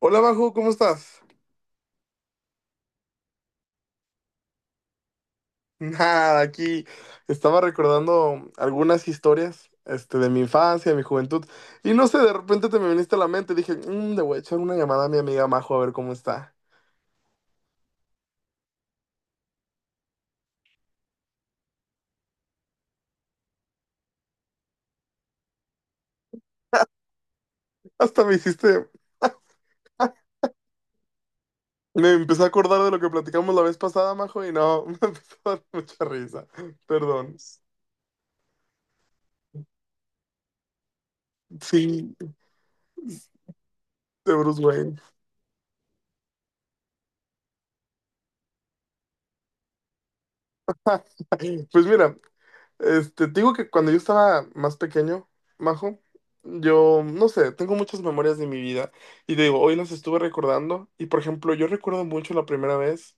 Hola, Bajo, ¿cómo estás? Nada, aquí estaba recordando algunas historias, de mi infancia, de mi juventud, y no sé, de repente te me viniste a la mente, dije, le voy a echar una llamada a mi amiga Majo a ver cómo está". Hasta me hiciste, me empecé a acordar de lo que platicamos la vez pasada, Majo, y no, me empezó a dar mucha risa. Perdón. Sí, de Bruce Wayne. Pues mira, te digo que cuando yo estaba más pequeño, Majo, yo, no sé, tengo muchas memorias de mi vida y te digo, hoy las estuve recordando y, por ejemplo, yo recuerdo mucho la primera vez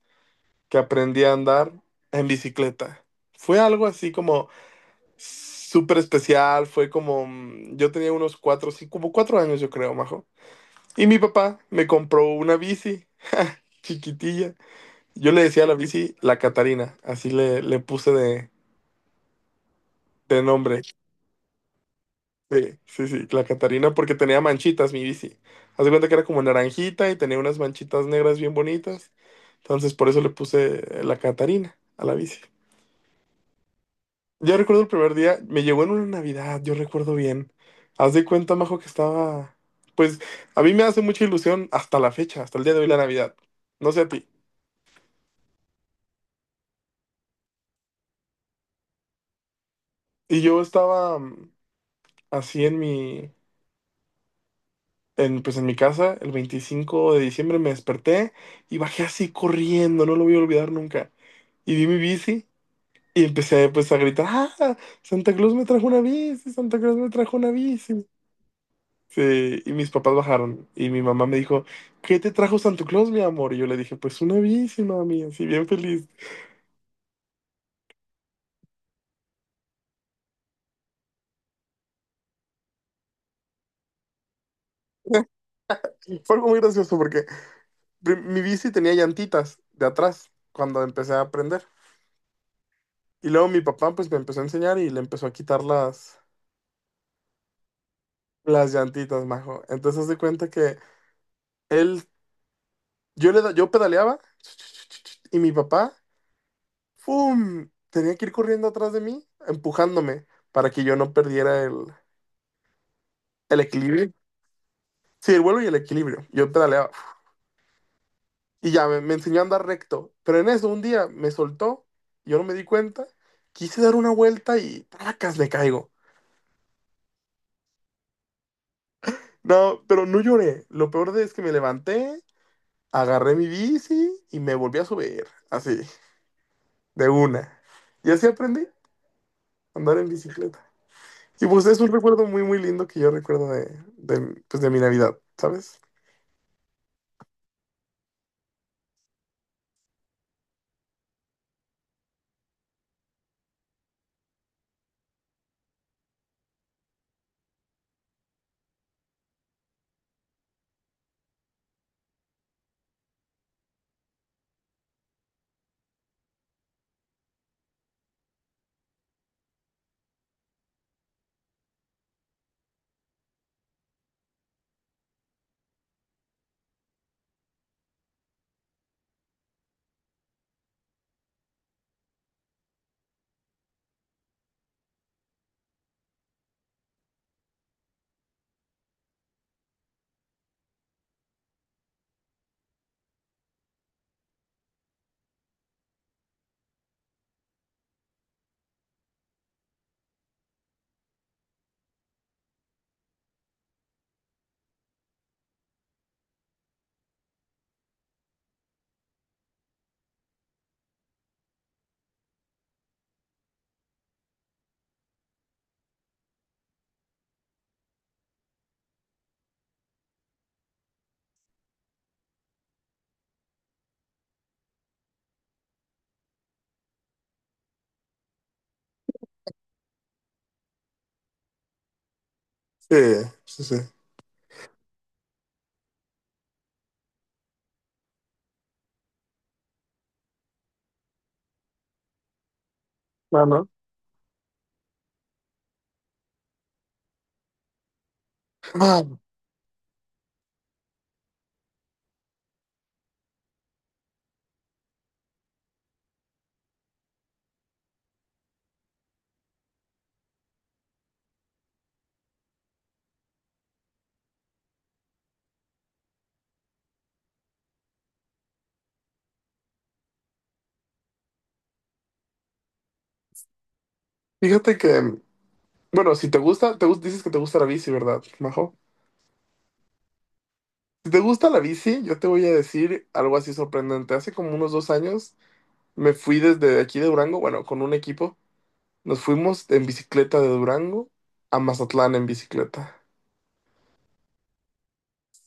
que aprendí a andar en bicicleta. Fue algo así como súper especial, fue como, yo tenía unos cuatro, sí, como 4 años yo creo, Majo. Y mi papá me compró una bici chiquitilla. Yo le decía a la bici la Catarina, así le puse de nombre. Sí, sí, sí, la Catarina porque tenía manchitas mi bici. Haz de cuenta que era como naranjita y tenía unas manchitas negras bien bonitas. Entonces por eso le puse la Catarina a la bici. Yo recuerdo el primer día, me llegó en una Navidad, yo recuerdo bien. Haz de cuenta, Majo, que estaba... Pues a mí me hace mucha ilusión hasta la fecha, hasta el día de hoy la Navidad. No sé a ti. Y yo estaba así en mi... En, pues en mi casa, el 25 de diciembre me desperté y bajé así corriendo, no lo voy a olvidar nunca. Y vi mi bici y empecé pues a gritar, "¡Ah! Santa Claus me trajo una bici, Santa Claus me trajo una bici". Sí, y mis papás bajaron y mi mamá me dijo, "¿Qué te trajo Santa Claus, mi amor?". Y yo le dije, pues una bici, mami, así bien feliz. Fue algo muy gracioso porque mi bici tenía llantitas de atrás cuando empecé a aprender. Y luego mi papá pues me empezó a enseñar y le empezó a quitar las llantitas, majo. Entonces haz de cuenta que él, yo pedaleaba y mi papá ¡fum! Tenía que ir corriendo atrás de mí, empujándome, para que yo no perdiera el equilibrio. Sí, el vuelo y el equilibrio. Yo pedaleaba. Y ya me enseñó a andar recto. Pero en eso un día me soltó, yo no me di cuenta, quise dar una vuelta y ¡placas! Le caigo. No, pero no lloré. Lo peor de es que me levanté, agarré mi bici y me volví a subir. Así, de una. Y así aprendí a andar en bicicleta. Y pues es un recuerdo muy, muy lindo que yo recuerdo de, pues, de mi Navidad, ¿sabes? Sí, sí, sí. Mano. Mano, fíjate que, bueno, si te gusta, dices que te gusta la bici, ¿verdad, Majo? Si te gusta la bici, yo te voy a decir algo así sorprendente. Hace como unos 2 años me fui desde aquí de Durango, bueno, con un equipo. Nos fuimos en bicicleta de Durango a Mazatlán en bicicleta.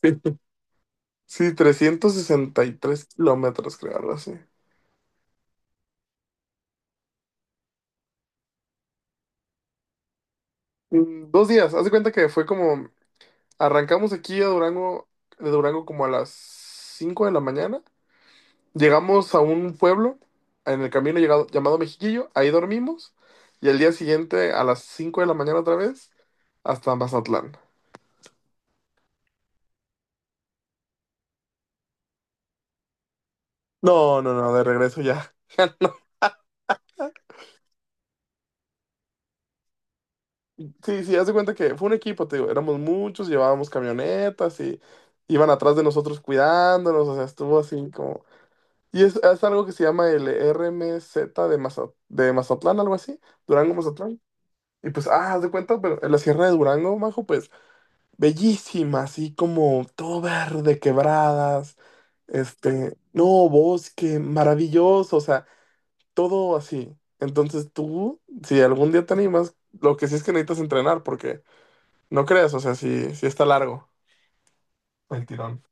Sí, 363 kilómetros, creo, algo así. 2 días, haz de cuenta que fue como, arrancamos aquí a Durango, de Durango como a las 5 de la mañana. Llegamos a un pueblo en el camino llamado Mexiquillo, ahí dormimos y el día siguiente a las 5 de la mañana otra vez hasta Mazatlán. No, no, no, de regreso ya. Ya no. Sí, sí, haz de cuenta que fue un equipo, te digo, éramos muchos, llevábamos camionetas y iban atrás de nosotros cuidándonos, o sea, estuvo así como... Y es algo que se llama el RMZ de, de Mazatlán, algo así, Durango, Mazatlán. Y pues, haz de cuenta, pero en la Sierra de Durango, Majo, pues. Bellísima, así como todo verde, quebradas, no, bosque, maravilloso, o sea, todo así. Entonces tú, si algún día te animas, lo que sí es que necesitas entrenar, porque no creas, o sea, sí, sí está largo el tirón.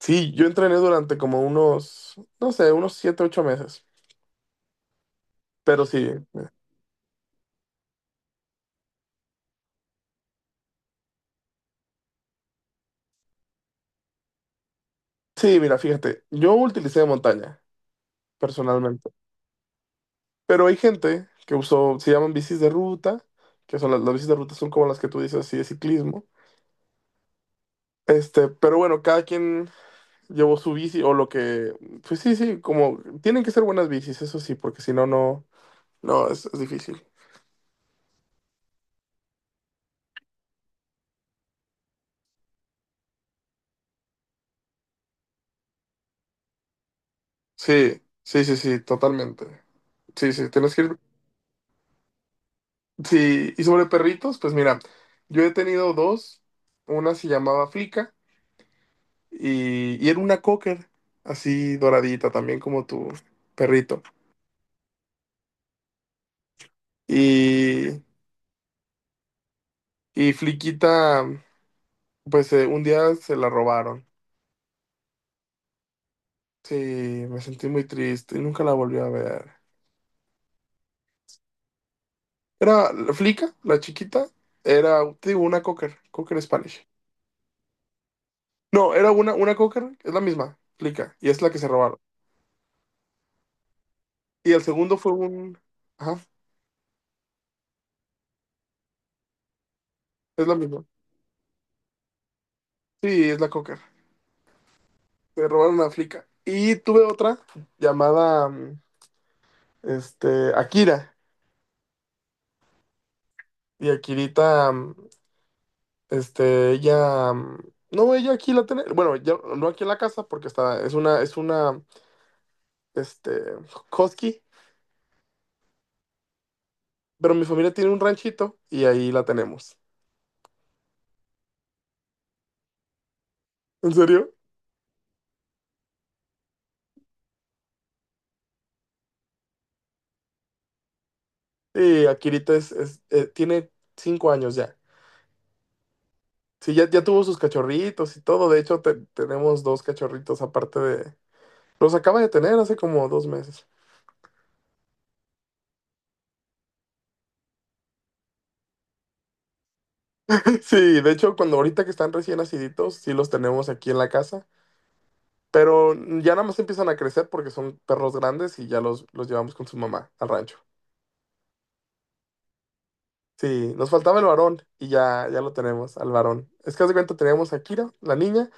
Sí, yo entrené durante como unos, no sé, unos 7, 8 meses, pero sí, sí, mira, fíjate, yo utilicé montaña, personalmente. Pero hay gente que usó, se llaman bicis de ruta, que son las bicis de ruta son como las que tú dices así de ciclismo. Pero bueno, cada quien llevó su bici o lo que, pues sí, sí, como tienen que ser buenas bicis, eso sí, porque si no, no, no, es difícil. Sí, sí, sí, sí, totalmente. Sí, sí, tienes que ir. Sí, y sobre perritos, pues mira, yo he tenido dos, una se llamaba Flica y era una cocker, así doradita, también como tu perrito. Y Fliquita, pues un día se la robaron. Sí, me sentí muy triste y nunca la volví a ver. Era Flica, la chiquita, era, te digo, una cocker, cocker Spanish. No, era una cocker, es la misma, Flica, y es la que se robaron. Y el segundo fue un... Ajá, es la misma. Sí, es la cocker. Se robaron a Flica. Y tuve otra llamada, Akira. Y Akirita, ella, no, ella aquí la tiene, bueno, ya no aquí en la casa porque está, es una, este, husky, pero mi familia tiene un ranchito y ahí la tenemos. ¿En serio? Y Akirita tiene 5 años ya. Sí, ya, ya tuvo sus cachorritos y todo, de hecho tenemos dos cachorritos aparte de, los acaba de tener hace como 2 meses. Sí, de hecho cuando ahorita que están recién naciditos, sí los tenemos aquí en la casa. Pero ya nada más empiezan a crecer porque son perros grandes y ya los llevamos con su mamá al rancho. Sí, nos faltaba el varón y ya, ya lo tenemos, al varón. Es que haz de cuenta teníamos a Kira, la niña,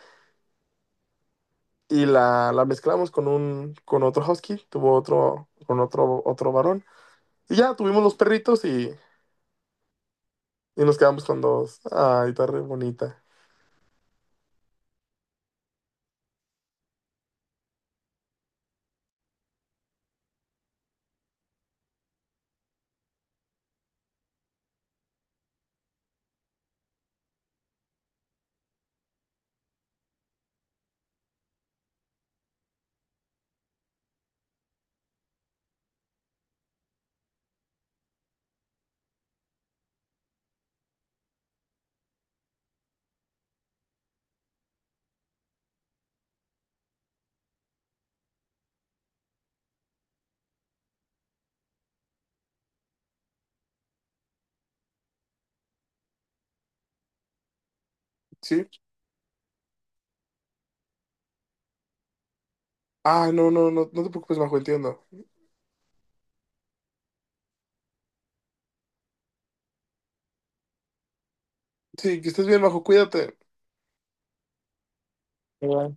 y la mezclamos con un, con otro husky, tuvo otro, con otro, otro varón. Y ya tuvimos los perritos y nos quedamos con dos. Ay, está re bonita. Sí. Ah, no, no, no, no te preocupes, Majo, entiendo. Sí, que estés bien, Majo, cuídate. Bye.